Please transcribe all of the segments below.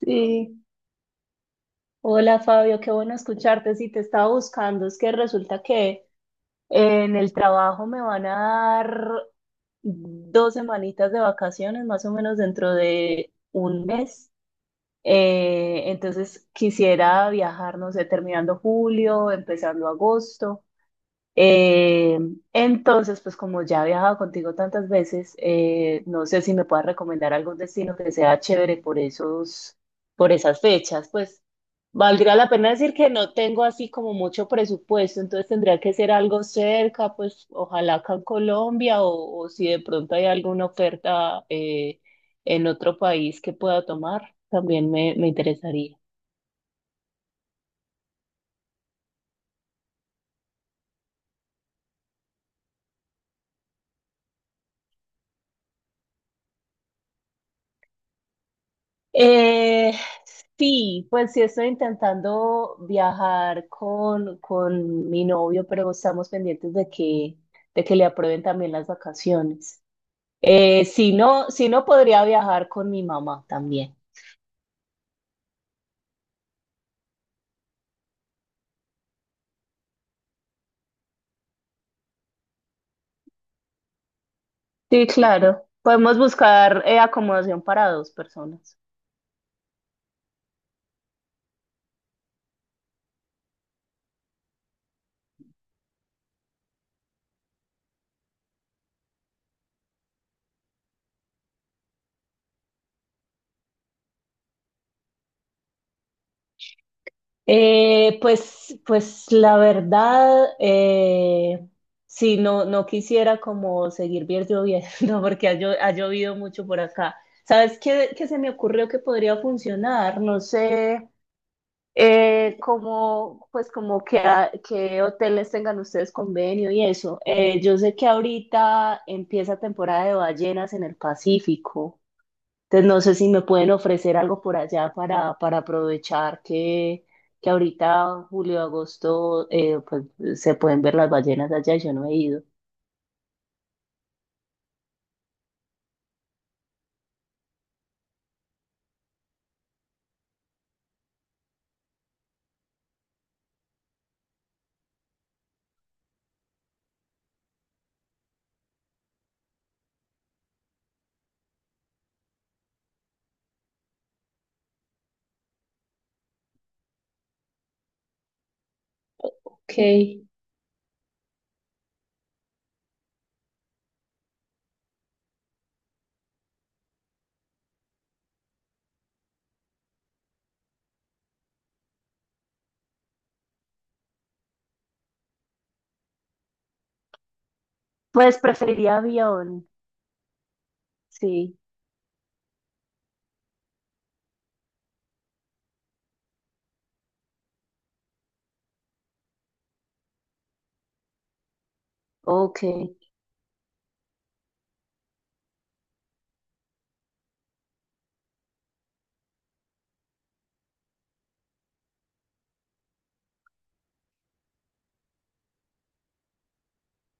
Sí, hola Fabio, qué bueno escucharte. Si te estaba buscando, es que resulta que en el trabajo me van a dar dos semanitas de vacaciones, más o menos dentro de un mes. Entonces quisiera viajar, no sé, terminando julio, empezando agosto. Eh, entonces, pues como ya he viajado contigo tantas veces, no sé si me puedas recomendar algún destino que sea chévere por esos, por esas fechas. Pues valdría la pena decir que no tengo así como mucho presupuesto, entonces tendría que ser algo cerca, pues ojalá acá en Colombia o si de pronto hay alguna oferta en otro país que pueda tomar, también me interesaría. Eh, sí, pues sí estoy intentando viajar con mi novio, pero estamos pendientes de de que le aprueben también las vacaciones. Si no, si no podría viajar con mi mamá también. Sí, claro. Podemos buscar acomodación para dos personas. Pues la verdad, sí, no, no quisiera como seguir bien lloviendo porque ha llovido mucho por acá. ¿Sabes qué se me ocurrió que podría funcionar? No sé, pues como que, que hoteles tengan ustedes convenio y eso. Yo sé que ahorita empieza temporada de ballenas en el Pacífico. Entonces, no sé si me pueden ofrecer algo por allá para aprovechar que ahorita, julio, agosto, pues se pueden ver las ballenas allá y yo no he ido. Ok. Pues preferiría avión, sí, ok.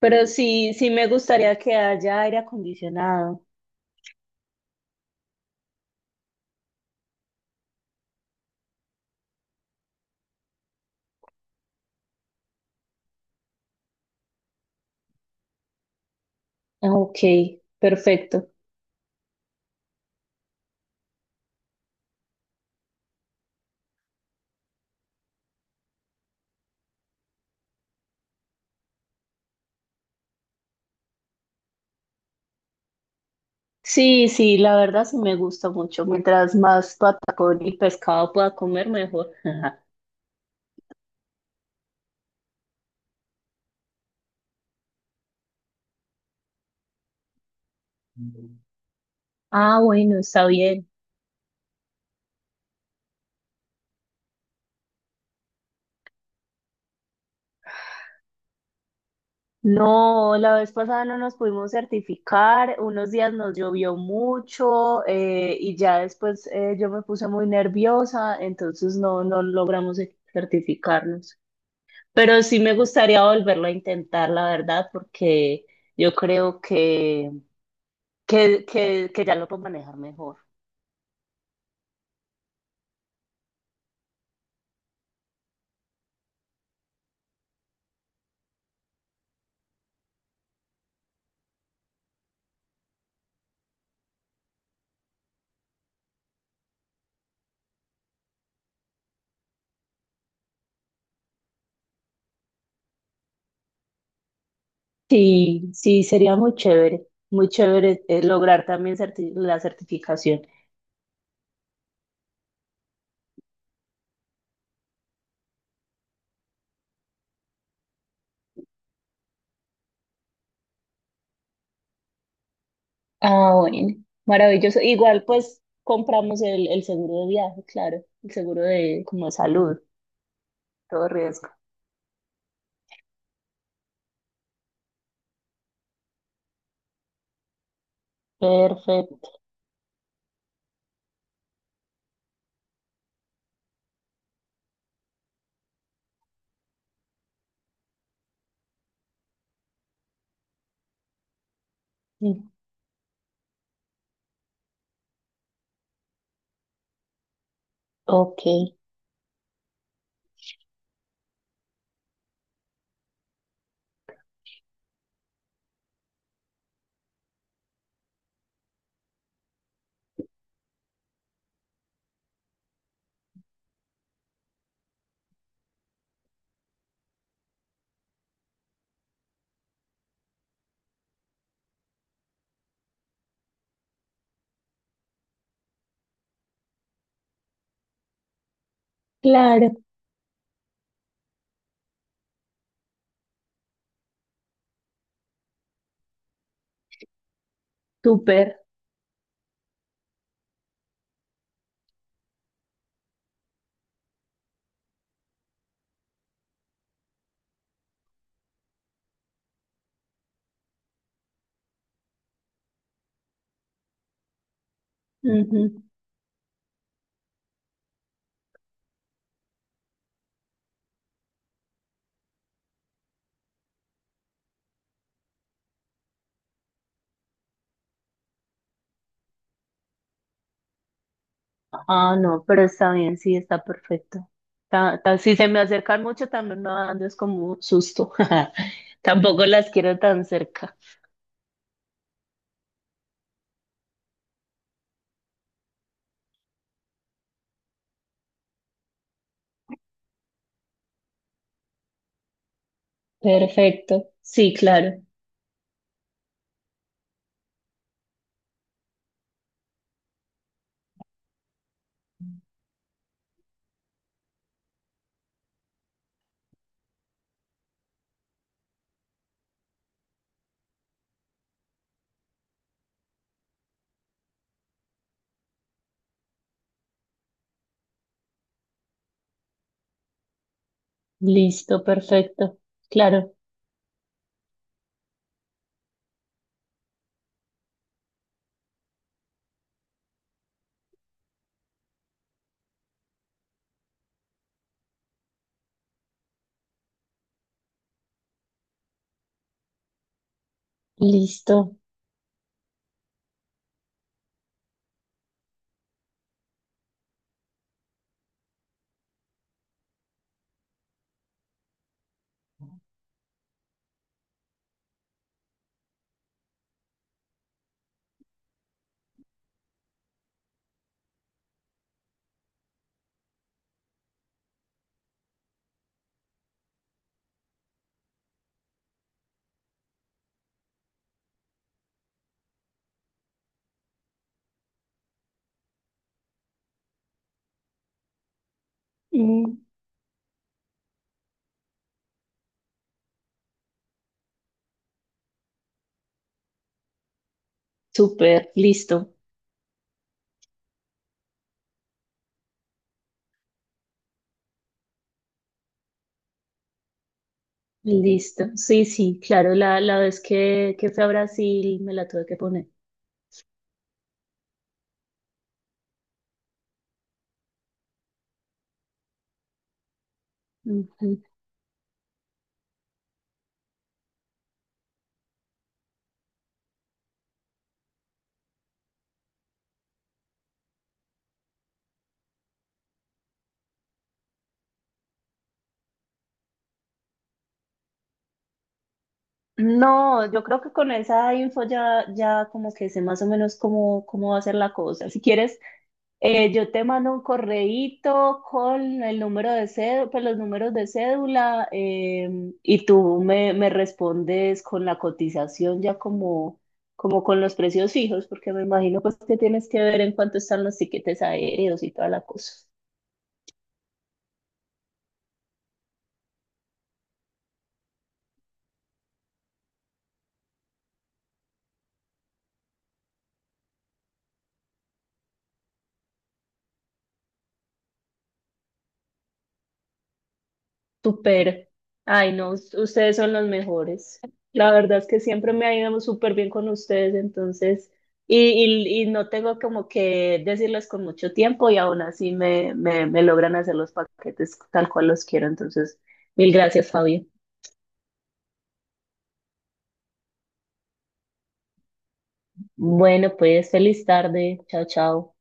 Pero sí, sí me gustaría que haya aire acondicionado. Ok, perfecto. Sí, sí, la verdad sí me gusta mucho. Mientras más patacón y pescado pueda comer, mejor. Ah, bueno, está bien. No, la vez pasada no nos pudimos certificar, unos días nos llovió mucho y ya después yo me puse muy nerviosa, entonces no, no logramos certificarnos. Pero sí me gustaría volverlo a intentar, la verdad, porque yo creo que ya lo puedo manejar mejor. Sí, sí, sería muy chévere lograr también la certificación. Ah, bueno, maravilloso. Igual pues compramos el seguro de viaje, claro, el seguro de como de salud, todo riesgo. Perfecto. Mm. Ok, claro, súper. Ujú. Ah, no, pero está bien, sí, está perfecto. Si se me acercan mucho también me va dando es como susto. Tampoco las quiero tan cerca. Perfecto, sí, claro. Listo, perfecto. Claro, listo. Mm, súper, listo. Listo. Sí, sí, claro, la vez que fui a Brasil me la tuve que poner. Ujú. No, yo creo que con esa info ya, ya como que sé más o menos cómo, cómo va a ser la cosa. Si quieres, yo te mando un correíto con el número de cédula, pues los números de cédula, y tú me respondes con la cotización ya como, como con los precios fijos, porque me imagino pues que tienes que ver en cuánto están los tiquetes aéreos y toda la cosa. Súper. Ay, no, ustedes son los mejores. La verdad es que siempre me ha ido súper bien con ustedes, entonces, y no tengo como que decirles con mucho tiempo y aún así me logran hacer los paquetes tal cual los quiero. Entonces, mil gracias, Fabio. Bueno, pues feliz tarde. Chao, chao.